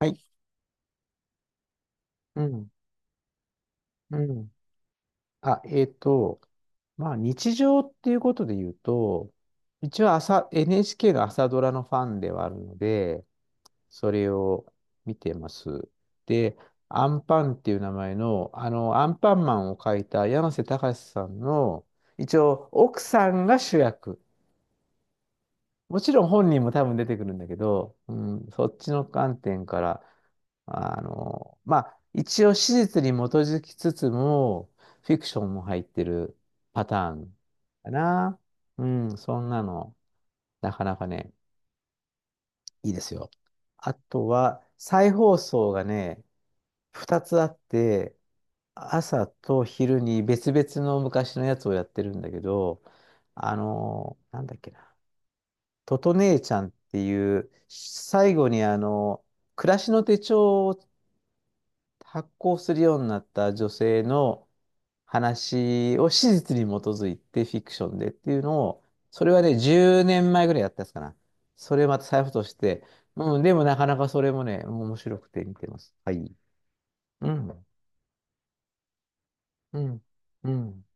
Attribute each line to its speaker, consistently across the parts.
Speaker 1: はい。うん。うん。あ、えっと、まあ、日常っていうことで言うと、一応朝、NHK の朝ドラのファンではあるので、それを見てます。で、アンパンっていう名前の、アンパンマンを描いた山瀬隆さんの、一応、奥さんが主役。もちろん本人も多分出てくるんだけど、うん、そっちの観点から、まあ、一応史実に基づきつつも、フィクションも入ってるパターンかな。うん、そんなの、なかなかね、いいですよ。あとは、再放送がね、2つあって、朝と昼に別々の昔のやつをやってるんだけど、あの、なんだっけな、トト姉ちゃんっていう、最後に暮らしの手帳を発行するようになった女性の話を史実に基づいてフィクションでっていうのを、それはね、10年前ぐらいやったやつかな。それまた再布として、うん、でもなかなかそれもね、面白くて見てます。はい。うん、うん、うん、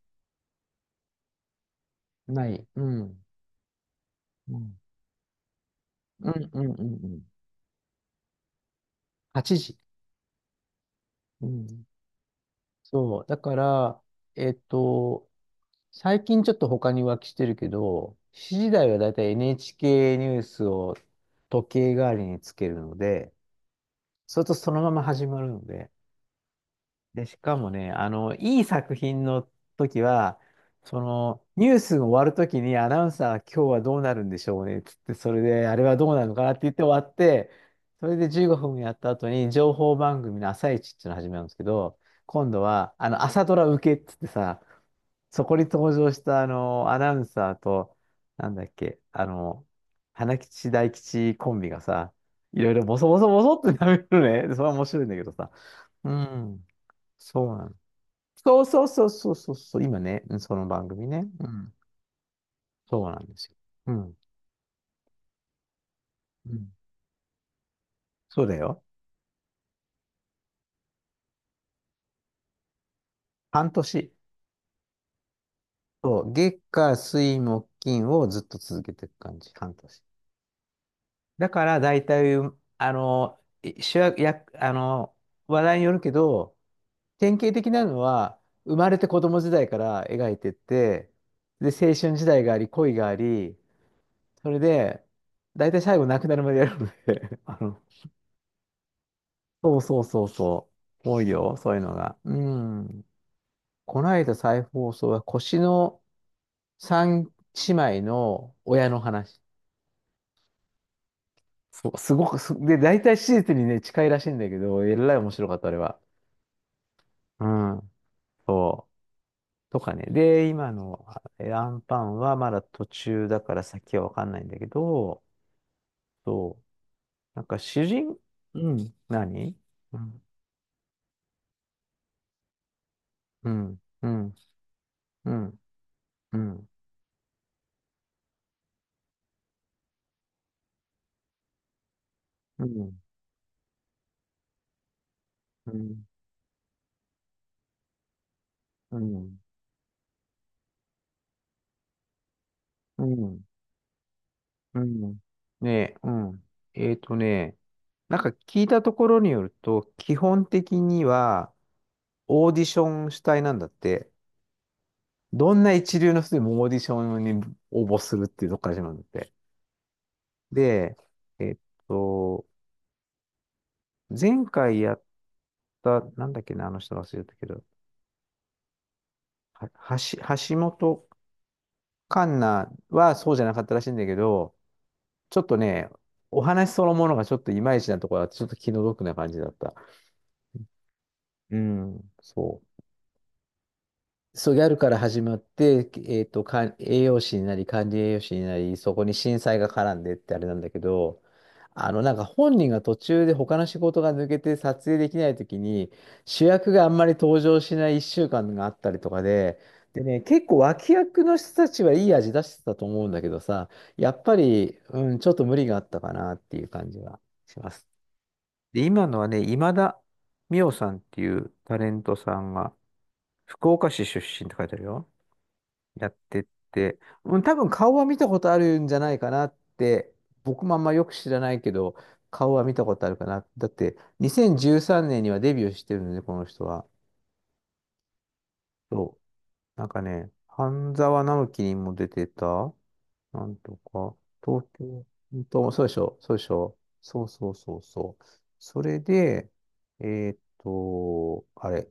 Speaker 1: ない、うん、うん、うん、うん、うん、うん。8時。うん、そう、だから、えっと、最近ちょっと他に浮気してるけど、私時台はだいたい NHK ニュースを時計代わりにつけるので、それとそのまま始まるので、で、しかもね、いい作品の時は、その、ニュースが終わる時にアナウンサー、今日はどうなるんでしょうね、つって、それで、あれはどうなるのかなって言って終わって、それで15分やった後に、情報番組の朝一っていうのを始めるんですけど、今度は、朝ドラ受けっつってさ、そこに登場したあの、アナウンサーと、なんだっけ、あの、花吉大吉コンビがさ、いろいろボソボソボソってなめるのね。それは面白いんだけどさ。うん、そうなの。そうそうそうそうそうそう、今ね、うんその番組ね。うん、そうなんですよ。うん、うん、そうだよ。半年。そう、月火水木金をずっと続けていく感じ、半年。だから大体、あの、主役、話題によるけど、典型的なのは、生まれて子供時代から描いてって、で、青春時代があり、恋があり、それで、大体最後亡くなるまでやるので そうそうそうそう、多いよ、そういうのが。うん。この間再放送は、三姉妹の親の話。そう、すごくす、で、大体史実にね、近いらしいんだけど、えらい面白かった、あれは。うん、そう。とかね。で、今のアンパンはまだ途中だから先はわかんないんだけど、そう、なんか主人、うん、何うん、うん、うん、うん、うん、うん、うん、うん、うん、うんねえ、うん。えっとね、なんか聞いたところによると、基本的にはオーディション主体なんだって、どんな一流の人でもオーディションに応募するっていうとこから始まるんだって。で、えっと、前回やった、なんだっけな、あの人忘れたけど、は、橋橋本環奈はそうじゃなかったらしいんだけど、ちょっとね、お話そのものがちょっといまいちなところは、ちょっと気の毒な感じだった。うん、そう。そう、ギャルから始まって、栄養士になり、管理栄養士になり、そこに震災が絡んでってあれなんだけど、なんか本人が途中で他の仕事が抜けて撮影できないときに、主役があんまり登場しない1週間があったりとかで、でね、結構脇役の人たちはいい味出してたと思うんだけどさ、やっぱり、うん、ちょっと無理があったかなっていう感じはします。で、今のはね、今田美桜さんっていうタレントさんが、福岡市出身って書いてあるよ。やってって、うん多分顔は見たことあるんじゃないかなって、僕もあんまよく知らないけど、顔は見たことあるかな。だって、2013年にはデビューしてるので、この人は。そう。なんかね、半沢直樹にも出てた、なんとか、東京、本そうでしょ、そうでしょ。そうそうそうそう。それで、えーっと、あれ。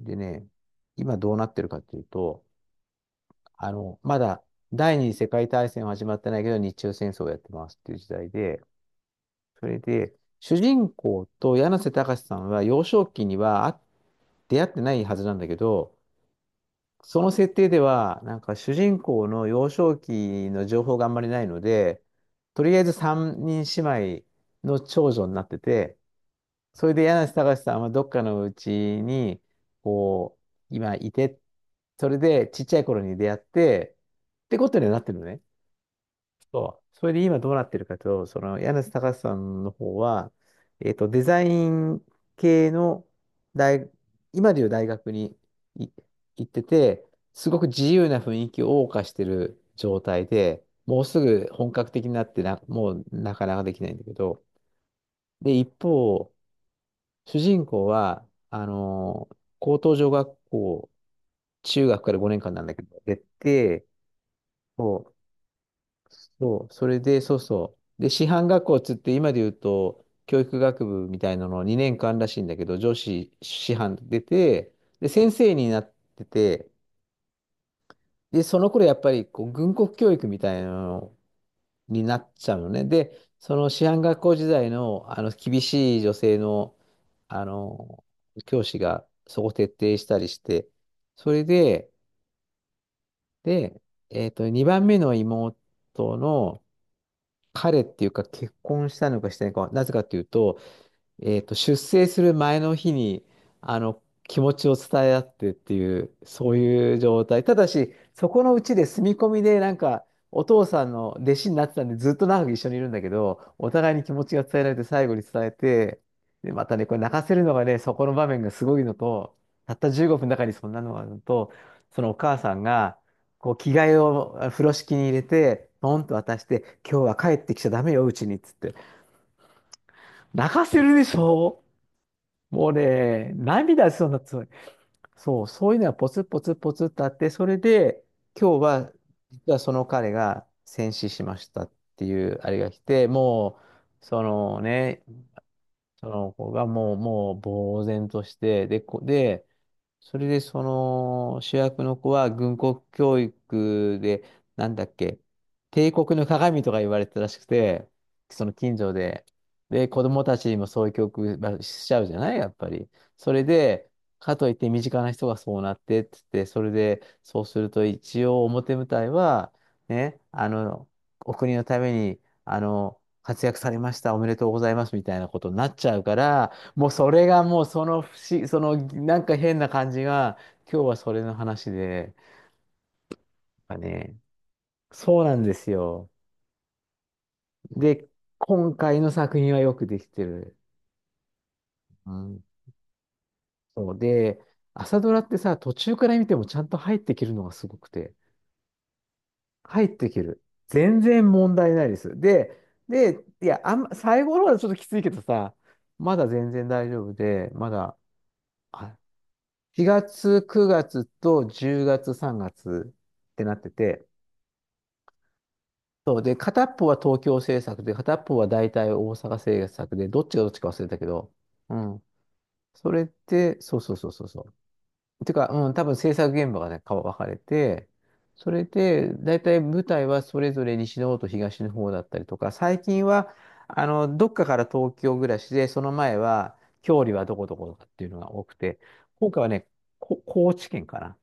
Speaker 1: でね、今どうなってるかっていうと、まだ第二次世界大戦は始まってないけど、日中戦争をやってますっていう時代で、それで、主人公と柳瀬隆さんは幼少期には出会ってないはずなんだけど、その設定では、なんか主人公の幼少期の情報があんまりないので、とりあえず三人姉妹の長女になってて、それで柳瀬隆さんはどっかのうちに、こう、今いて、それでちっちゃい頃に出会って、ってことにはなってるのね。そう。それで今どうなってるかと、その柳瀬隆さんの方は、デザイン系の大、今でいう大学にい行ってて、すごく自由な雰囲気を謳歌してる状態で、もうすぐ本格的になってな、もうなかなかできないんだけど、で、一方、主人公は、高等女学校、中学から5年間なんだけど、出て、そうそうそう。で、師範学校っつって、今で言うと、教育学部みたいなの2年間らしいんだけど、女子師範出て、で、先生になってて、で、その頃やっぱりこう軍国教育みたいなのになっちゃうのね。で、その師範学校時代の、あの厳しい女性の、あの、教師がそこ徹底したりして、それで、で、2番目の妹の、彼っていうか結婚したのかしてないのかは、なぜかというと、出征する前の日に、気持ちを伝え合ってっていう、そういう状態。ただし、そこのうちで住み込みで、お父さんの弟子になってたんで、ずっと長く一緒にいるんだけど、お互いに気持ちが伝えられて、最後に伝えて、で、またね、これ泣かせるのがね、そこの場面がすごいのと、たった15分の中にそんなのがあるのと、そのお母さんが、こう、着替えを風呂敷に入れて、ポンと渡して、今日は帰ってきちゃダメよ、うちに、っつって。泣かせるでしょ。もうね、涙しそうになってた、そう、そういうのがポツポツポツってあって、それで、今日は、実はその彼が戦死しましたっていうあれが来て、もう、そのね、その子がもう、もう、呆然として、で、こ、で、それで、その、主役の子は軍国教育で、なんだっけ、帝国の鏡とか言われてたらしくて、その近所で。で、子供たちにもそういう教育まあしちゃうじゃないやっぱり。それで、かといって身近な人がそうなってって言って、それで、そうすると一応表舞台は、ね、お国のために、活躍されました、おめでとうございますみたいなことになっちゃうから、もうそれがもうその不思、そのなんか変な感じが、今日はそれの話で、なんかね、そうなんですよ。で、今回の作品はよくできてる。うん。そうで、朝ドラってさ、途中から見てもちゃんと入ってきるのがすごくて、入ってきる。全然問題ないです。で、で、いや、あんま、最後の方はちょっときついけどさ、まだ全然大丈夫で、まだ、あ4月、9月と10月、3月ってなってて、そうで、片っぽは東京政策で、片っぽは大体大阪政策で、どっちがどっちか忘れたけど、うん。それって、そうそうそうそうそう。てか、うん、多分制作現場がね、分かれて、それで、大体舞台はそれぞれ西の方と東の方だったりとか、最近は、あの、どっかから東京暮らしで、その前は、郷里はどこどことかっていうのが多くて、今回はね、高知県かな。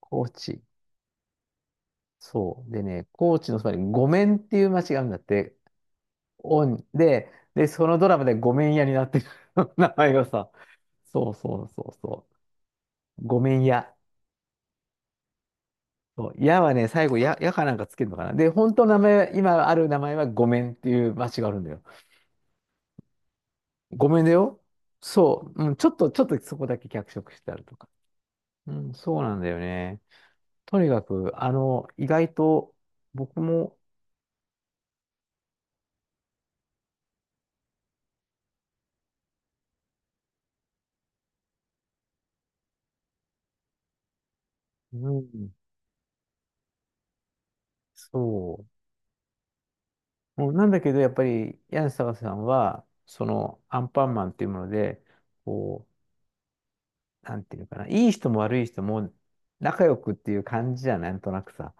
Speaker 1: 高知。そう。でね、高知のそばに五面っていう町があるんだって、オンで、で、そのドラマでごめんやになってる 名前がさ。そうそうそうそう。ごめんや。そう、やはね、最後や、やかなんかつけるのかな。で、本当の名前、今ある名前はごめんっていう町があるんだよ。ごめんだよ。そう。うん、ちょっとそこだけ脚色してあるとか。うん、そうなんだよね。とにかく、意外と僕も、うん、そう。もうなんだけど、やっぱり、柳沢さんは、その、アンパンマンっていうもので、こう、なんていうのかな、いい人も悪い人も仲良くっていう感じじゃん、なんとなくさ。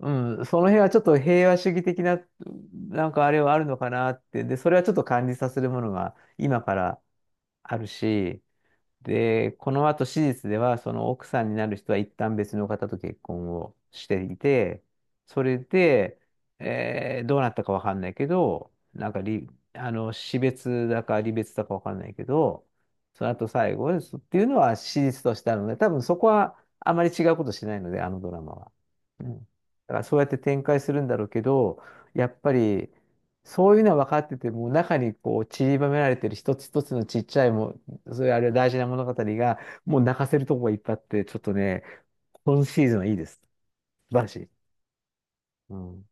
Speaker 1: うん、その辺はちょっと平和主義的な、なんかあれはあるのかなって、で、それはちょっと感じさせるものが今からあるし、で、この後史実では、その奥さんになる人は一旦別の方と結婚をしていて、それで、どうなったかわかんないけど、なんかり、あの、死別だか離別だかわかんないけど、その後最後ですっていうのは史実としてあるので、多分そこはあまり違うことしないので、あのドラマは。うん。だからそうやって展開するんだろうけど、やっぱり、そういうのは分かってても、中にこう散りばめられてる一つ一つのちっちゃいそういうあれ大事な物語が、もう泣かせるとこがいっぱいあって、ちょっとね、今シーズンはいいです。素晴らしい。うん。